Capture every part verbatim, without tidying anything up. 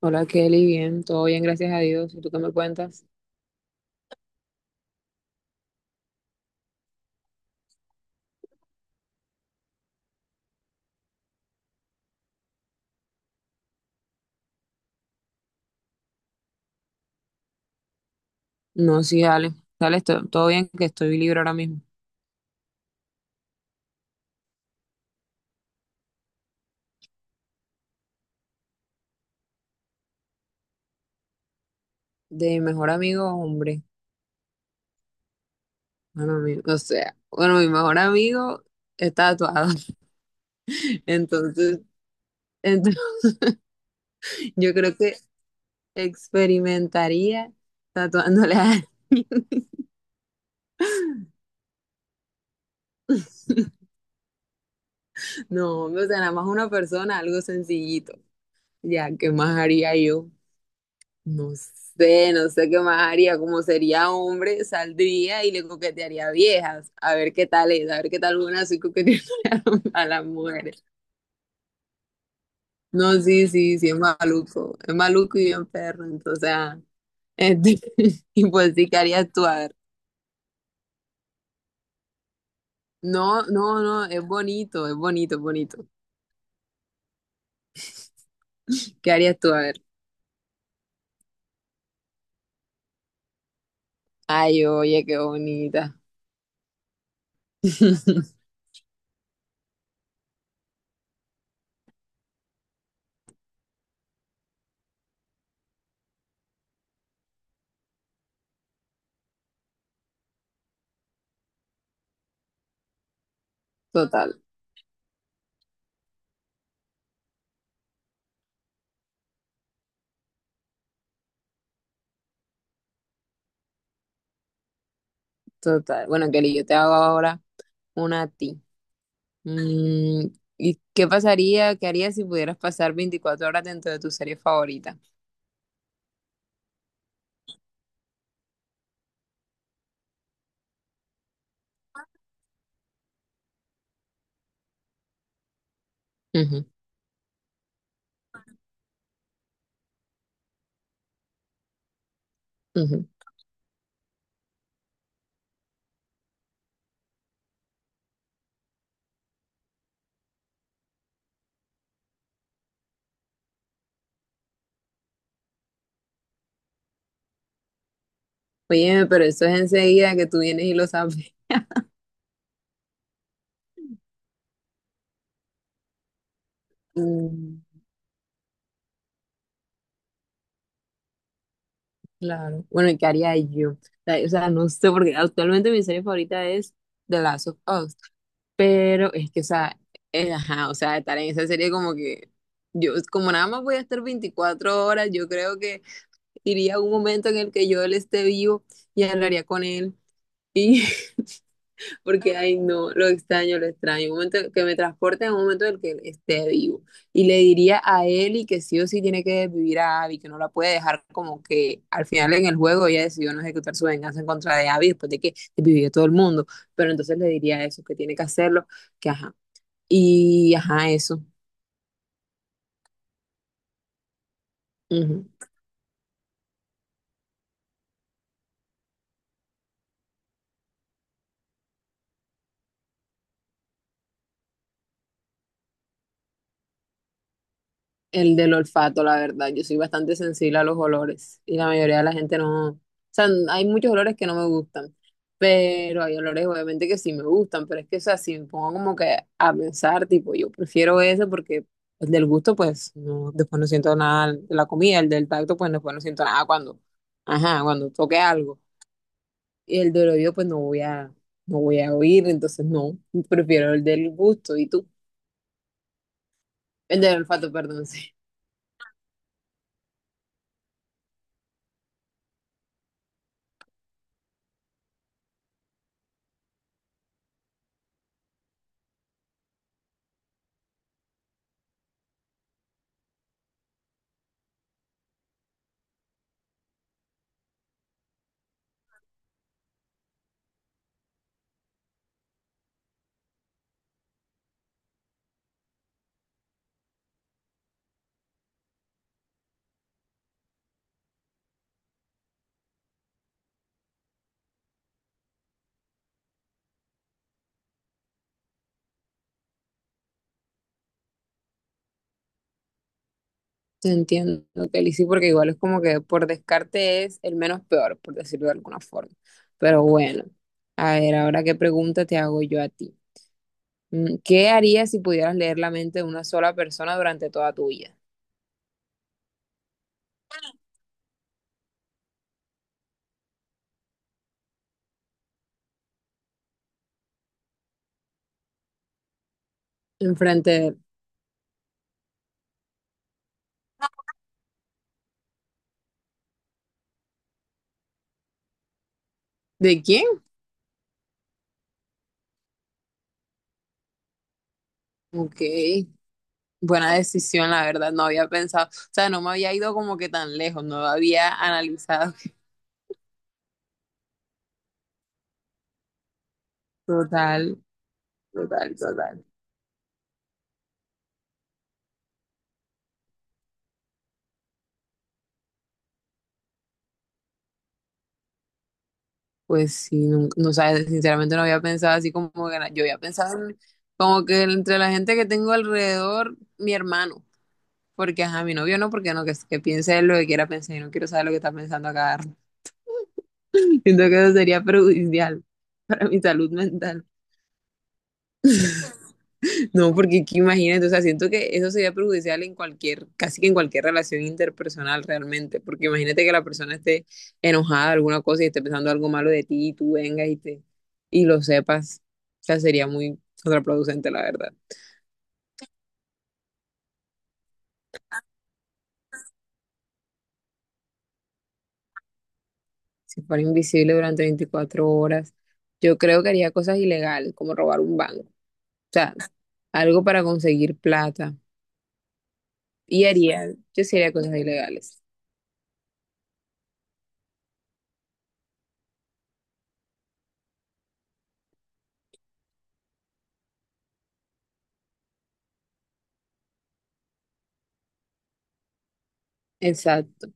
Hola Kelly, bien, todo bien, gracias a Dios. ¿Y tú qué me cuentas? No, sí, dale, dale, esto- todo bien, que estoy libre ahora mismo. De mi mejor amigo, hombre. Bueno, mi- o sea, bueno, mi mejor amigo está tatuado. Entonces, entonces, yo creo que experimentaría tatuándole a. No, hombre, o sea, nada más una persona, algo sencillito. Ya, ¿qué más haría yo? No sé, no sé qué más haría. Como sería hombre, saldría y le coquetearía a viejas. A ver qué tal es, a ver qué tal una así coqueteando a las mujeres. No, sí, sí, sí, es maluco. Es maluco y bien perro. Entonces, ah, este, y pues sí, ¿qué harías tú? A ver. No, no, no, es bonito, es bonito, es bonito. ¿Qué harías tú? A ver. Ay, oye, qué bonita. Total, total. Bueno, Kelly, yo te hago ahora una a ti. Mm, y qué pasaría, qué harías si pudieras pasar veinticuatro horas dentro de tu serie favorita? Ujú, ujú. Oye, pero eso es enseguida que tú vienes y lo sabes. Mm, claro. Bueno, ¿y qué haría yo? O sea, o sea, no sé, porque actualmente mi serie favorita es The Last of Us, pero es que, o sea, eh, ajá, o sea, estar en esa serie como que yo, como nada más voy a estar veinticuatro horas, yo creo que iría a un momento en el que yo él esté vivo y hablaría con él. y Porque, ay, no, lo extraño, lo extraño. Un momento que me transporte a un momento en el que él esté vivo. Y le diría a Eli que sí o sí tiene que vivir a Abby, que no la puede dejar como que al final en el juego ella decidió no ejecutar su venganza en contra de Abby después de que vivió todo el mundo. Pero entonces le diría eso, que tiene que hacerlo, que ajá. Y ajá, eso. Ujú. El del olfato, la verdad. Yo soy bastante sensible a los olores y la mayoría de la gente no. O sea, n- hay muchos olores que no me gustan, pero hay olores obviamente que sí me gustan, pero es que, o sea, si me pongo como que a pensar, tipo, yo prefiero ese porque el del gusto, pues, no, después no siento nada de la comida, el del tacto, pues, después no siento nada cuando, ajá, cuando toque algo. Y el del oído, pues, no voy a, no voy a oír, entonces no, prefiero el del gusto. ¿Y tú? El del olfato, perdón, sí. Te entiendo, Kelly, sí, porque igual es como que por descarte es el menos peor, por decirlo de alguna forma. Pero bueno, a ver, ahora qué pregunta te hago yo a ti. Mm, ¿Qué harías si pudieras leer la mente de una sola persona durante toda tu vida? ¿Enfrente de, de quién? Ok, buena decisión, la verdad, no había pensado, o sea, no me había ido como que tan lejos, no había analizado. Total, total, total. Pues sí, no, no sabes, sinceramente no había pensado así como que na- yo había pensado en- como que entre la gente que tengo alrededor, mi hermano, porque ajá, mi novio no, porque no, que, que piense él lo que quiera pensar, yo no quiero saber lo que está pensando acá. Siento que eso sería perjudicial para mi salud mental. No, porque que imagínate, o sea, siento que eso sería perjudicial en cualquier, casi que en cualquier relación interpersonal realmente, porque imagínate que la persona esté enojada de alguna cosa y esté pensando algo malo de ti y tú vengas y te y lo sepas. O sea, sería muy contraproducente, la verdad. Si fuera invisible durante veinticuatro horas, yo creo que haría cosas ilegales, como robar un banco, o sea, algo para conseguir plata. Y haría, yo sí haría cosas ilegales. Exacto,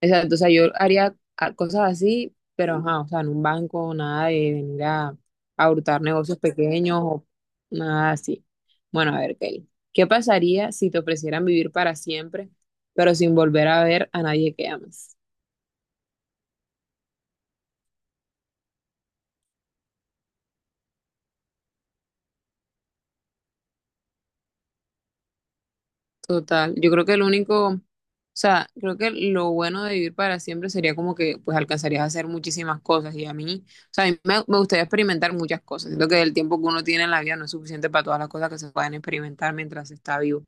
exacto. O sea, yo haría a- cosas así, pero ajá, o sea, en un banco, nada de venir a, a hurtar negocios pequeños o nada así. Bueno, a ver, Kelly, ¿qué pasaría si te ofrecieran vivir para siempre, pero sin volver a ver a nadie que amas? Total, yo creo que el único, o sea, creo que lo bueno de vivir para siempre sería como que pues alcanzarías a hacer muchísimas cosas y a mí, o sea, a mí me, me gustaría experimentar muchas cosas, siento que el tiempo que uno tiene en la vida no es suficiente para todas las cosas que se pueden experimentar mientras se está vivo.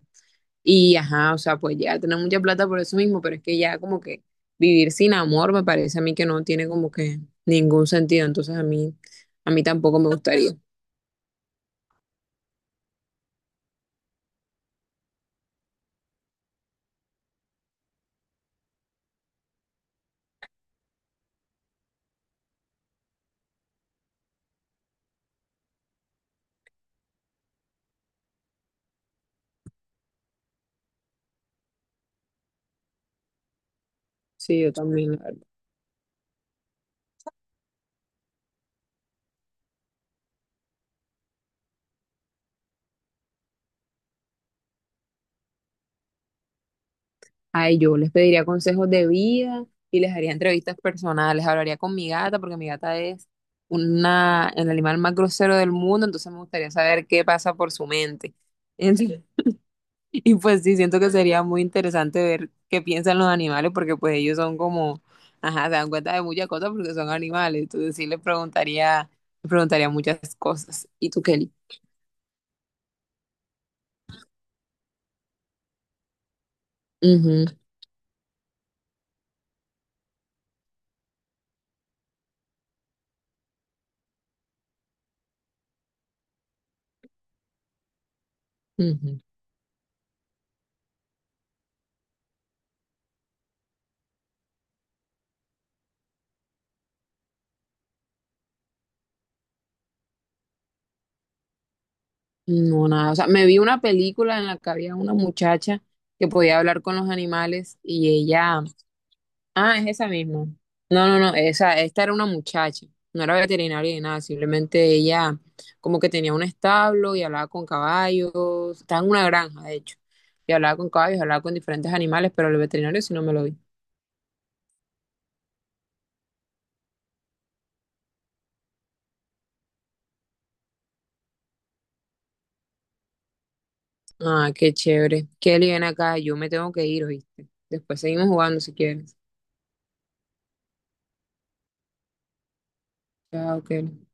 Y ajá, o sea, pues ya tener mucha plata por eso mismo, pero es que ya como que vivir sin amor me parece a mí que no tiene como que ningún sentido, entonces a mí, a mí tampoco me gustaría. Sí, yo también. Ay, yo les pediría consejos de vida y les haría entrevistas personales. Hablaría con mi gata porque mi gata es una, el animal más grosero del mundo, entonces me gustaría saber qué pasa por su mente. Entonces- y pues sí, siento que sería muy interesante ver qué piensan los animales porque pues ellos son como, ajá, se dan cuenta de muchas cosas porque son animales. Entonces sí les preguntaría, les preguntaría muchas cosas. ¿Y tú, Kelly? Ujú, ujú. No, nada. O sea, me vi una película en la que había una muchacha que podía hablar con los animales y ella. Ah, es esa misma. No, no, no. Esa, esta era una muchacha. No era veterinaria ni nada. Simplemente ella como que tenía un establo y hablaba con caballos. Estaba en una granja, de hecho. Y hablaba con caballos, hablaba con diferentes animales, pero el veterinario sí no me lo vi. Ah, qué chévere. Kelly, ven acá. Yo me tengo que ir, ¿oíste? Después seguimos jugando si quieres. Chao, Kelly.